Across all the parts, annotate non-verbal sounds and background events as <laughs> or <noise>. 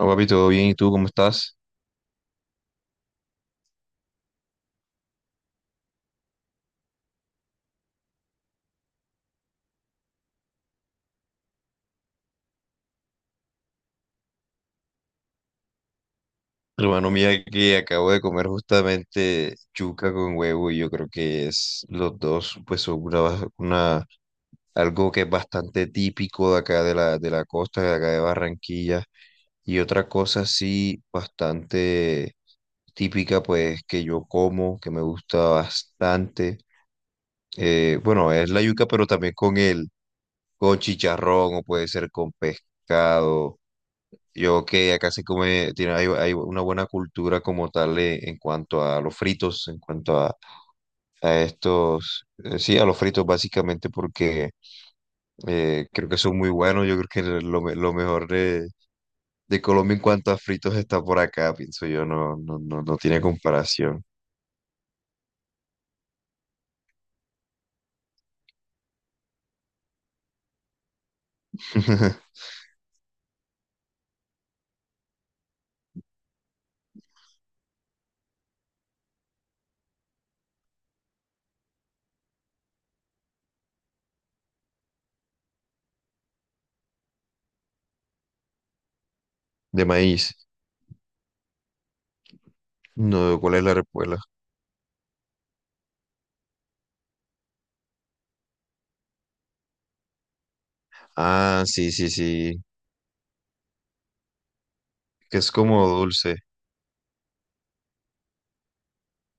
No, papi, todo bien, ¿y tú cómo estás? Hermano, mira que acabo de comer justamente yuca con huevo y yo creo que es los dos, pues son una, algo que es bastante típico de acá de la costa, de acá de Barranquilla. Y otra cosa sí bastante típica, pues que yo como, que me gusta bastante. Bueno, es la yuca, pero también con con chicharrón o puede ser con pescado. Yo que acá se come, hay una buena cultura como tal en cuanto a los fritos, en cuanto a estos, sí, a los fritos básicamente porque creo que son muy buenos. Yo creo que lo mejor de Colombia en cuanto a fritos está por acá, pienso yo, no tiene comparación. <laughs> De maíz. No, ¿cuál es la repuela? Ah, sí, sí, sí. Que es como dulce.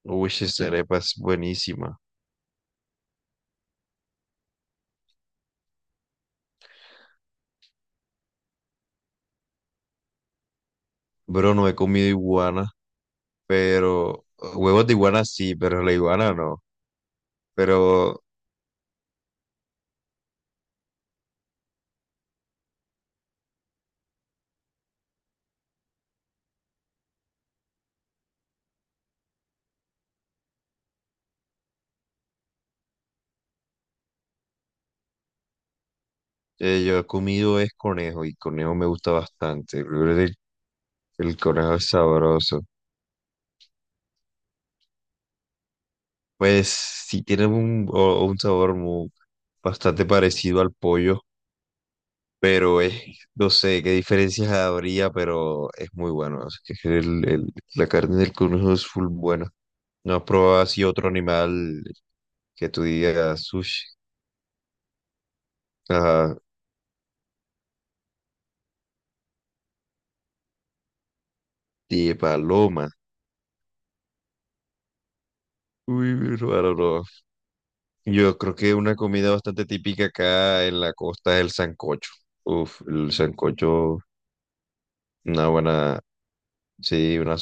Uy, esa arepa es buenísima. Bro, no he comido iguana, pero huevos de iguana sí, pero la iguana no. Pero yo he comido es conejo y conejo me gusta bastante. Yo creo que el conejo es sabroso. Pues sí tiene un, un sabor muy, bastante parecido al pollo. Pero es, no sé qué diferencias habría, pero es muy bueno. Es que la carne del conejo es full buena. ¿No has probado así otro animal que tú digas sushi? Ajá, de paloma. Uy, mi hermano, no. Yo creo que una comida bastante típica acá en la costa es el sancocho. Uf, el sancocho, una buena, sí, una,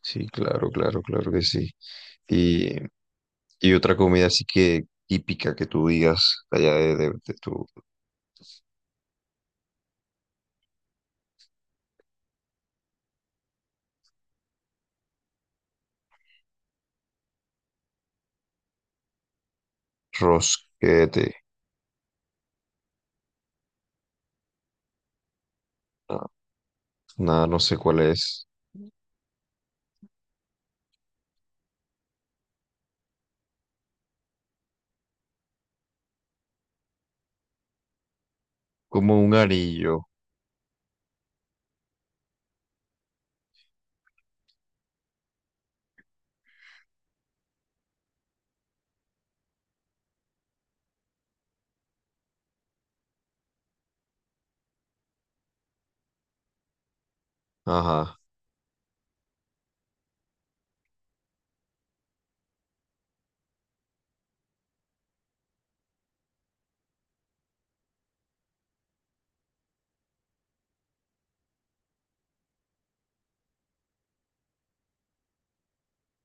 sí, claro, claro, claro que sí. Y, y otra comida así que típica que tú digas allá de tu rosquete. ah, Nada, no sé cuál es. Como un anillo. Ajá.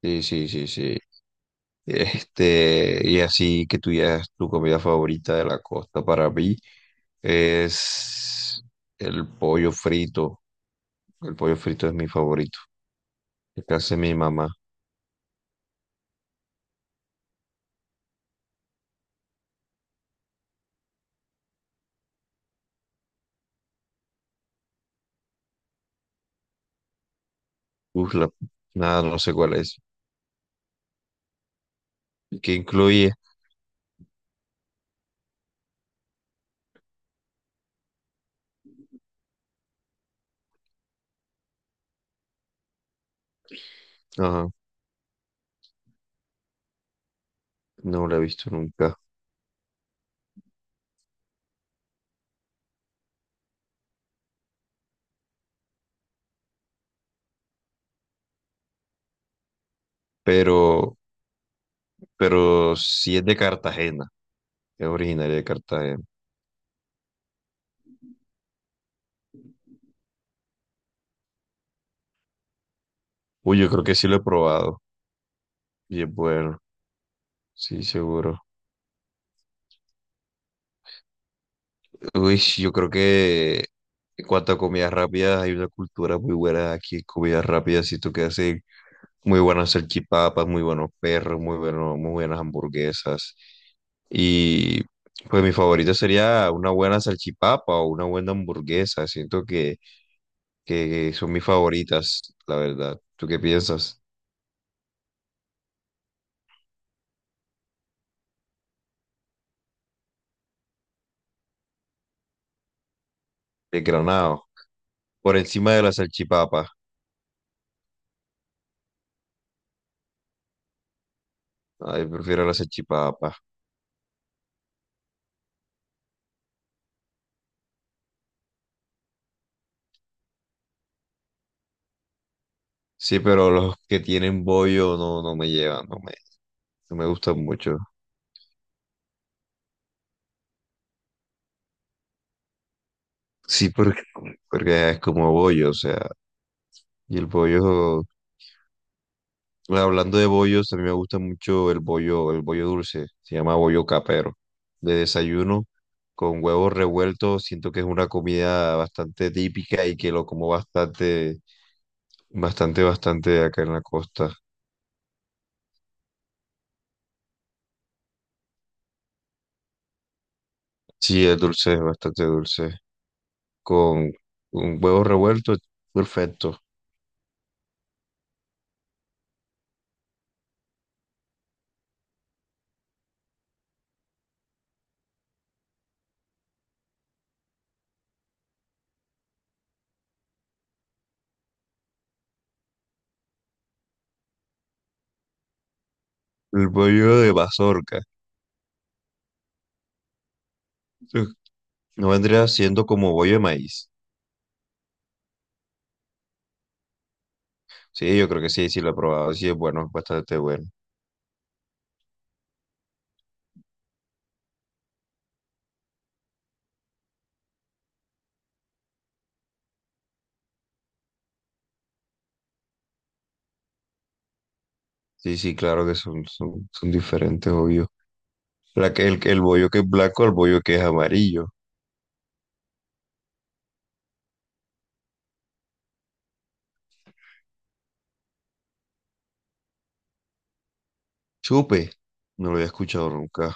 Sí, sí, sí, sí. Este, y así que tú ya es tu comida favorita de la costa para mí es el pollo frito. El pollo frito es mi favorito. El que hace mi mamá. Uf, la- Nada, no sé cuál es. Que incluye. Ajá, no la he visto nunca. Pero, pero sí es de Cartagena. Es originaria de Cartagena. Uy, yo creo que sí lo he probado. Y es bueno. Sí, seguro. Uy, yo creo que en cuanto a comidas rápidas, hay una cultura muy buena aquí en comidas rápidas. Siento que hacen muy buenas salchipapas, muy buenos perros, muy buenas hamburguesas. Y pues mi favorita sería una buena salchipapa o una buena hamburguesa. Siento que son mis favoritas, la verdad. ¿Tú qué piensas? El granado. Por encima de la salchipapa. Ay, prefiero la salchipapa. Sí, pero los que tienen bollo no me llevan, no me gustan mucho. Sí, porque es como bollo, o sea, y el bollo, bueno, hablando de bollos, a mí me gusta mucho el bollo dulce, se llama bollo capero, de desayuno, con huevos revueltos, siento que es una comida bastante típica y que lo como bastante acá en la costa. Sí, es dulce, es bastante dulce, con, con huevos revueltos, perfecto. El bollo de mazorca. Uf, no vendría siendo como bollo de maíz. Sí, yo creo que sí, sí lo he probado. Sí, es bueno, es bastante bueno. Sí, sí, claro que son diferentes, obvio. El bollo que es blanco al bollo que es amarillo. Chupe. No lo había escuchado nunca.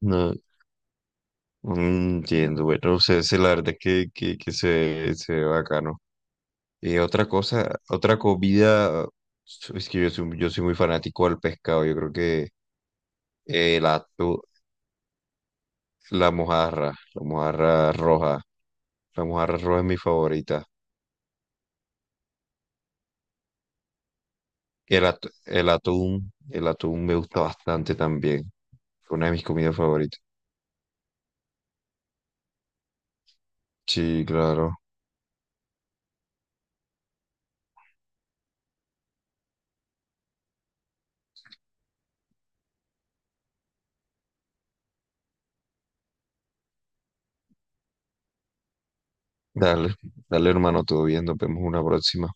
No, no entiendo. Bueno, o sea, ese, la verdad es que se ve bacano. Y otra cosa, otra comida. Es que yo soy muy fanático al pescado. Yo creo que el atún. La mojarra roja. La mojarra roja es mi favorita. El atún me gusta bastante también. Fue una de mis comidas favoritas. Sí, claro. Dale, dale hermano, todo bien, nos vemos una próxima.